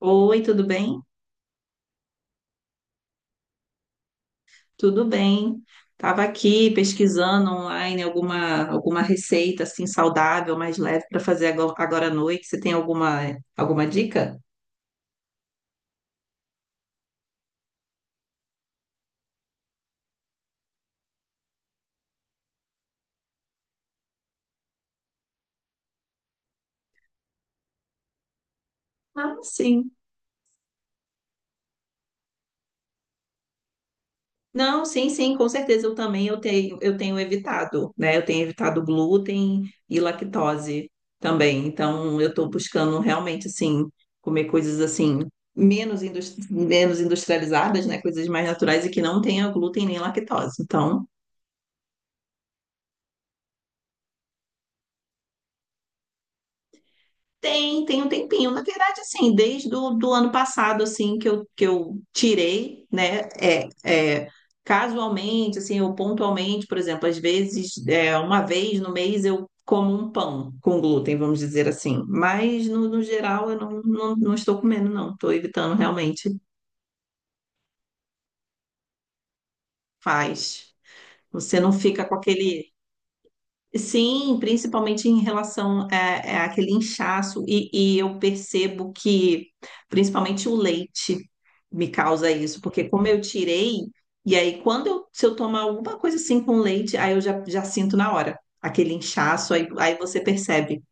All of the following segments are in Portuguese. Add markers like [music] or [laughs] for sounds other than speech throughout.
Oi, tudo bem? Tudo bem. Estava aqui pesquisando online alguma receita assim saudável, mais leve para fazer agora à noite. Você tem alguma dica? Ah, sim. Não, sim, sim, com certeza eu também eu tenho evitado, né? Eu tenho evitado glúten e lactose também. Então eu estou buscando realmente assim comer coisas assim menos industrializadas, né? Coisas mais naturais e que não tenha glúten nem lactose. Então Tem um tempinho. Na verdade, assim, desde do ano passado, assim, que eu tirei, né? Casualmente, assim, ou pontualmente, por exemplo, às vezes, uma vez no mês eu como um pão com glúten, vamos dizer assim. Mas, no geral, eu não estou comendo, não. Estou evitando realmente. Faz. Você não fica com aquele Sim, principalmente em relação àquele inchaço, e eu percebo que principalmente o leite me causa isso, porque como eu tirei, e aí se eu tomar alguma coisa assim com leite, aí eu já sinto na hora aquele inchaço, aí você percebe.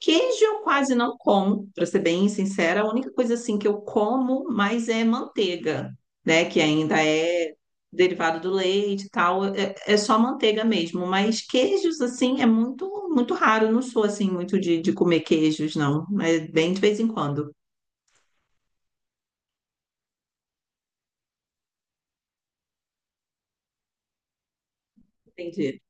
Queijo eu quase não como, para ser bem sincera, a única coisa assim que eu como mais é manteiga, né? Que ainda é derivado do leite e tal, é só manteiga mesmo. Mas queijos assim é muito muito raro. Eu não sou assim muito de comer queijos, não. É bem de vez em quando. Entendi.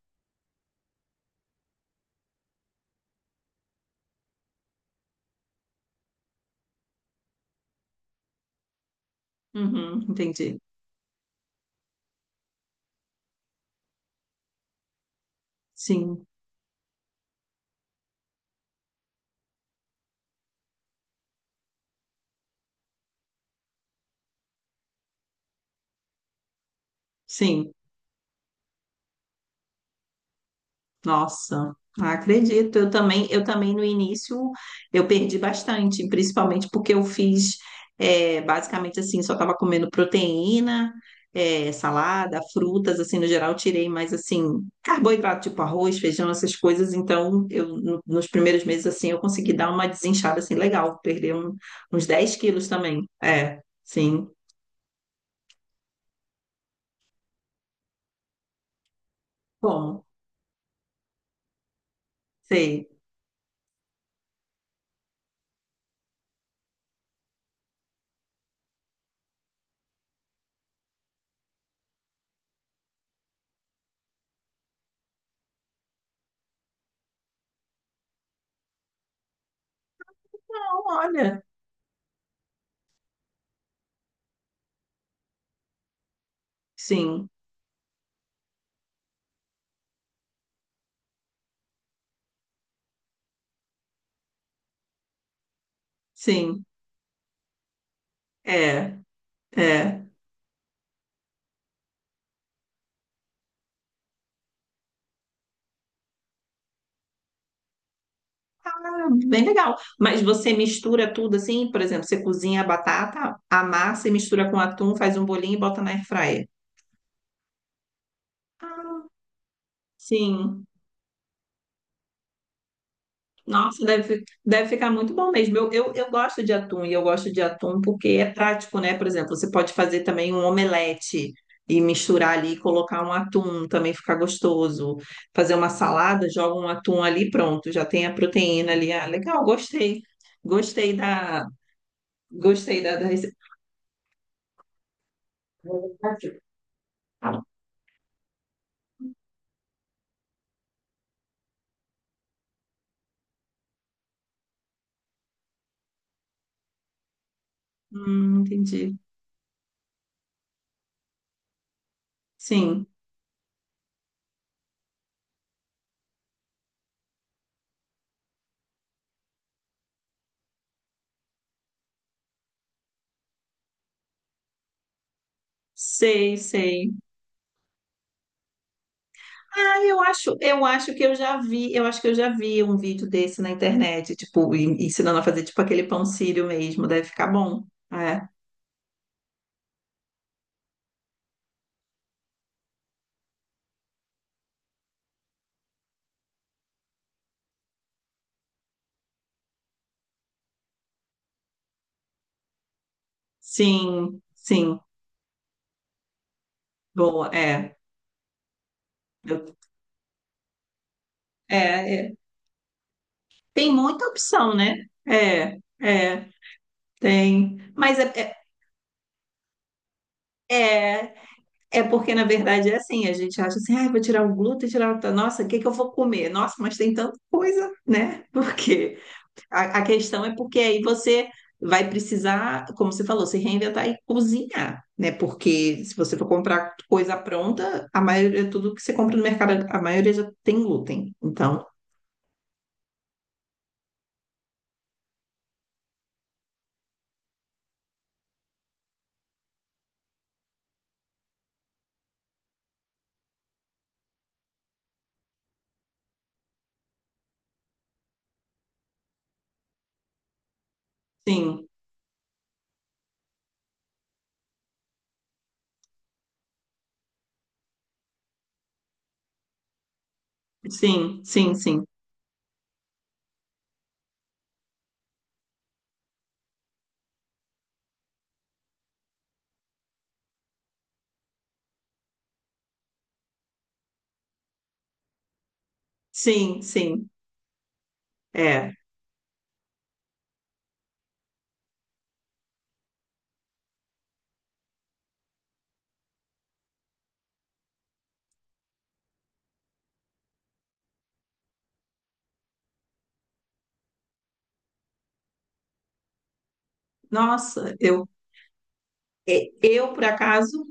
Uhum, entendi. Sim, sim. Nossa, acredito. Eu também no início eu perdi bastante, principalmente porque eu fiz basicamente assim, só estava comendo proteína, salada, frutas, assim, no geral, tirei mais assim, carboidrato, tipo arroz, feijão, essas coisas. Então, eu nos primeiros meses assim eu consegui dar uma desinchada assim legal, perder uns 10 quilos também. É, sim. Bom, sei. Não, olha, sim, sim. É. É. Bem legal. Mas você mistura tudo assim, por exemplo, você cozinha a batata, amassa e mistura com atum, faz um bolinho e bota na airfryer. Sim. Nossa, deve ficar muito bom mesmo. Eu gosto de atum e eu gosto de atum porque é prático, né? Por exemplo, você pode fazer também um omelete e misturar ali, e colocar um atum, também fica gostoso. Fazer uma salada, joga um atum ali, pronto, já tem a proteína ali. Ah, legal, gostei. Gostei da, gostei da receita. Entendi. Sim, sei, sei. Ah, eu acho que eu já vi, eu acho que eu já vi um vídeo desse na internet, tipo, ensinando a fazer tipo aquele pão sírio mesmo, deve ficar bom. É. Sim, sim. Boa, é. Eu- é. Tem muita opção, né? É, é, tem. Mas é, é é porque na verdade é assim, a gente acha assim, ai, vou tirar o glúten, Nossa, o que que eu vou comer? Nossa, mas tem tanta coisa, né? [laughs] Por quê? A questão é porque aí você vai precisar, como você falou, se reinventar e cozinhar, né? Porque se você for comprar coisa pronta, a maioria, tudo que você compra no mercado, a maioria já tem glúten. Então, sim, sim, sim, sim, sim, sim. É. Nossa, eu por acaso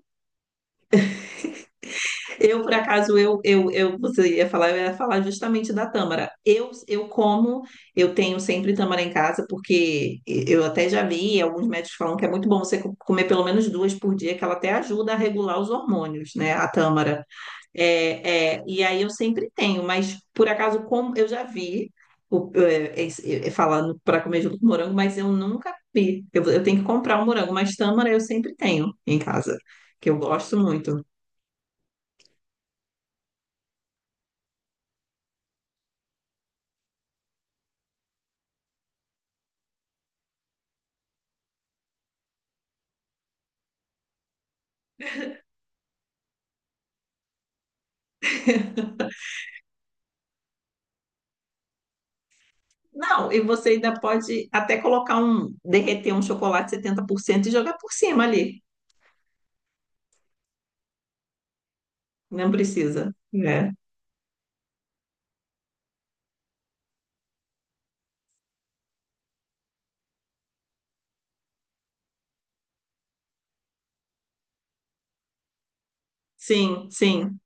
Eu, por acaso, eu ia falar justamente da tâmara. Eu tenho sempre tâmara em casa, porque eu até já li, alguns médicos falam que é muito bom você comer pelo menos duas por dia, que ela até ajuda a regular os hormônios, né? A tâmara. E aí eu sempre tenho, mas por acaso, como eu já vi. Falando para comer junto com morango, mas eu nunca vi. Eu tenho que comprar um morango, mas tâmara eu sempre tenho em casa, que eu gosto muito. Não, e você ainda pode até derreter um chocolate 70% e jogar por cima ali. Não precisa. É. Sim, sim.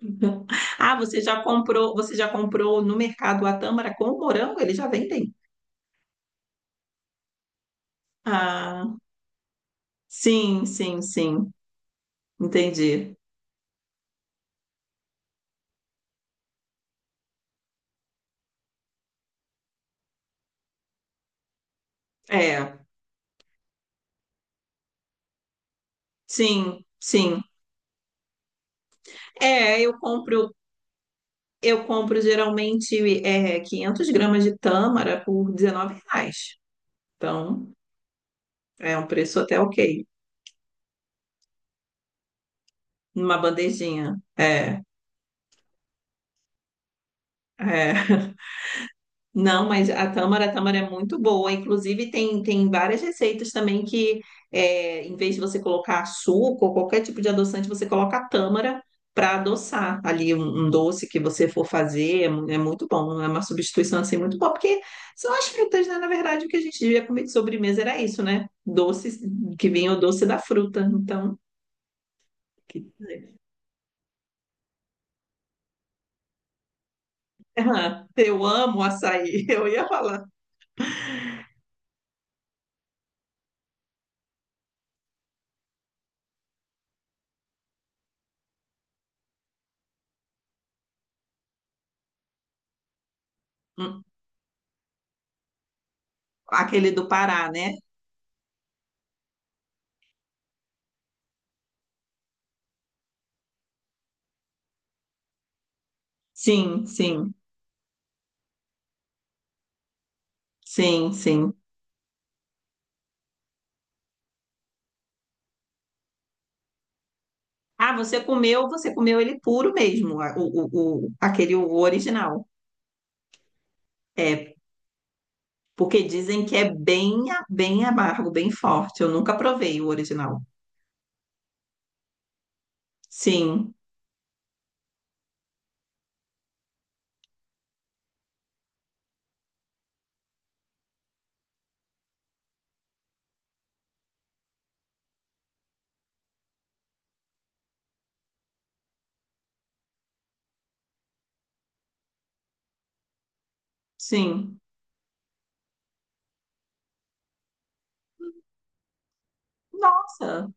[laughs] Ah, você já comprou no mercado a tâmara com o morango? Eles já vendem? Ah, sim, sim, sim. Entendi. É, sim, sim. É, eu compro geralmente 500 gramas de tâmara por R$ 19. Então, é um preço até ok. Numa bandejinha. É, é. Não, mas a tâmara é muito boa. Inclusive, tem várias receitas também que, em vez de você colocar açúcar ou qualquer tipo de adoçante, você coloca a tâmara para adoçar ali um doce que você for fazer. É muito bom, é uma substituição assim muito boa, porque são as frutas, né? Na verdade, o que a gente devia comer de sobremesa era isso, né? Doces, que vinha o doce da fruta. Então, que- [laughs] Ah, eu amo açaí, eu ia falar. Aquele do Pará, né? Sim, sim, sim, sim. Ah, você comeu ele puro mesmo, aquele o original. É, porque dizem que é bem amargo, bem forte. Eu nunca provei o original. Sim, sim. Nossa.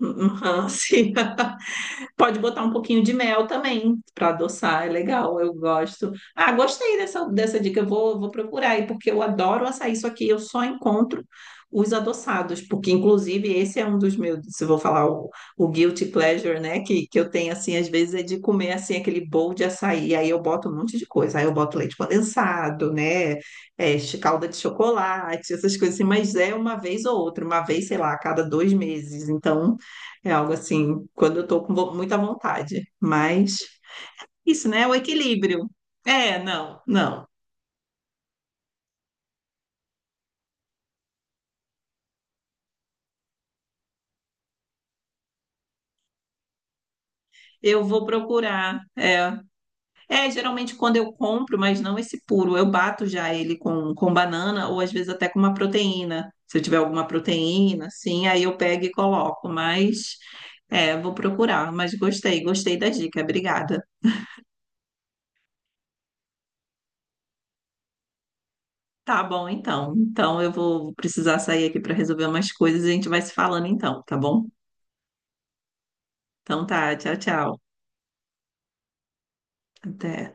Uhum, [laughs] sim. Pode botar um pouquinho de mel também para adoçar, é legal, eu gosto. Ah, gostei dessa dica, eu vou procurar aí, porque eu adoro açaí, só que eu só encontro os adoçados, porque inclusive esse é um dos meus, se eu vou falar o guilty pleasure, né, que eu tenho assim, às vezes é de comer assim aquele bowl de açaí, aí eu boto um monte de coisa, aí eu boto leite condensado, né, calda de chocolate, essas coisas assim, mas é uma vez ou outra, uma vez, sei lá, a cada 2 meses, então é algo assim, quando eu tô com muita vontade. Mas isso, né? É o equilíbrio. É, não, não. Eu vou procurar. É geralmente quando eu compro, mas não esse puro. Eu bato já ele com banana ou às vezes até com uma proteína. Se eu tiver alguma proteína, sim, aí eu pego e coloco. Mas vou procurar. Mas gostei da dica. Obrigada. Tá bom, então. Então eu vou precisar sair aqui para resolver umas coisas e a gente vai se falando então, tá bom? Então tá, tchau, tchau. Até.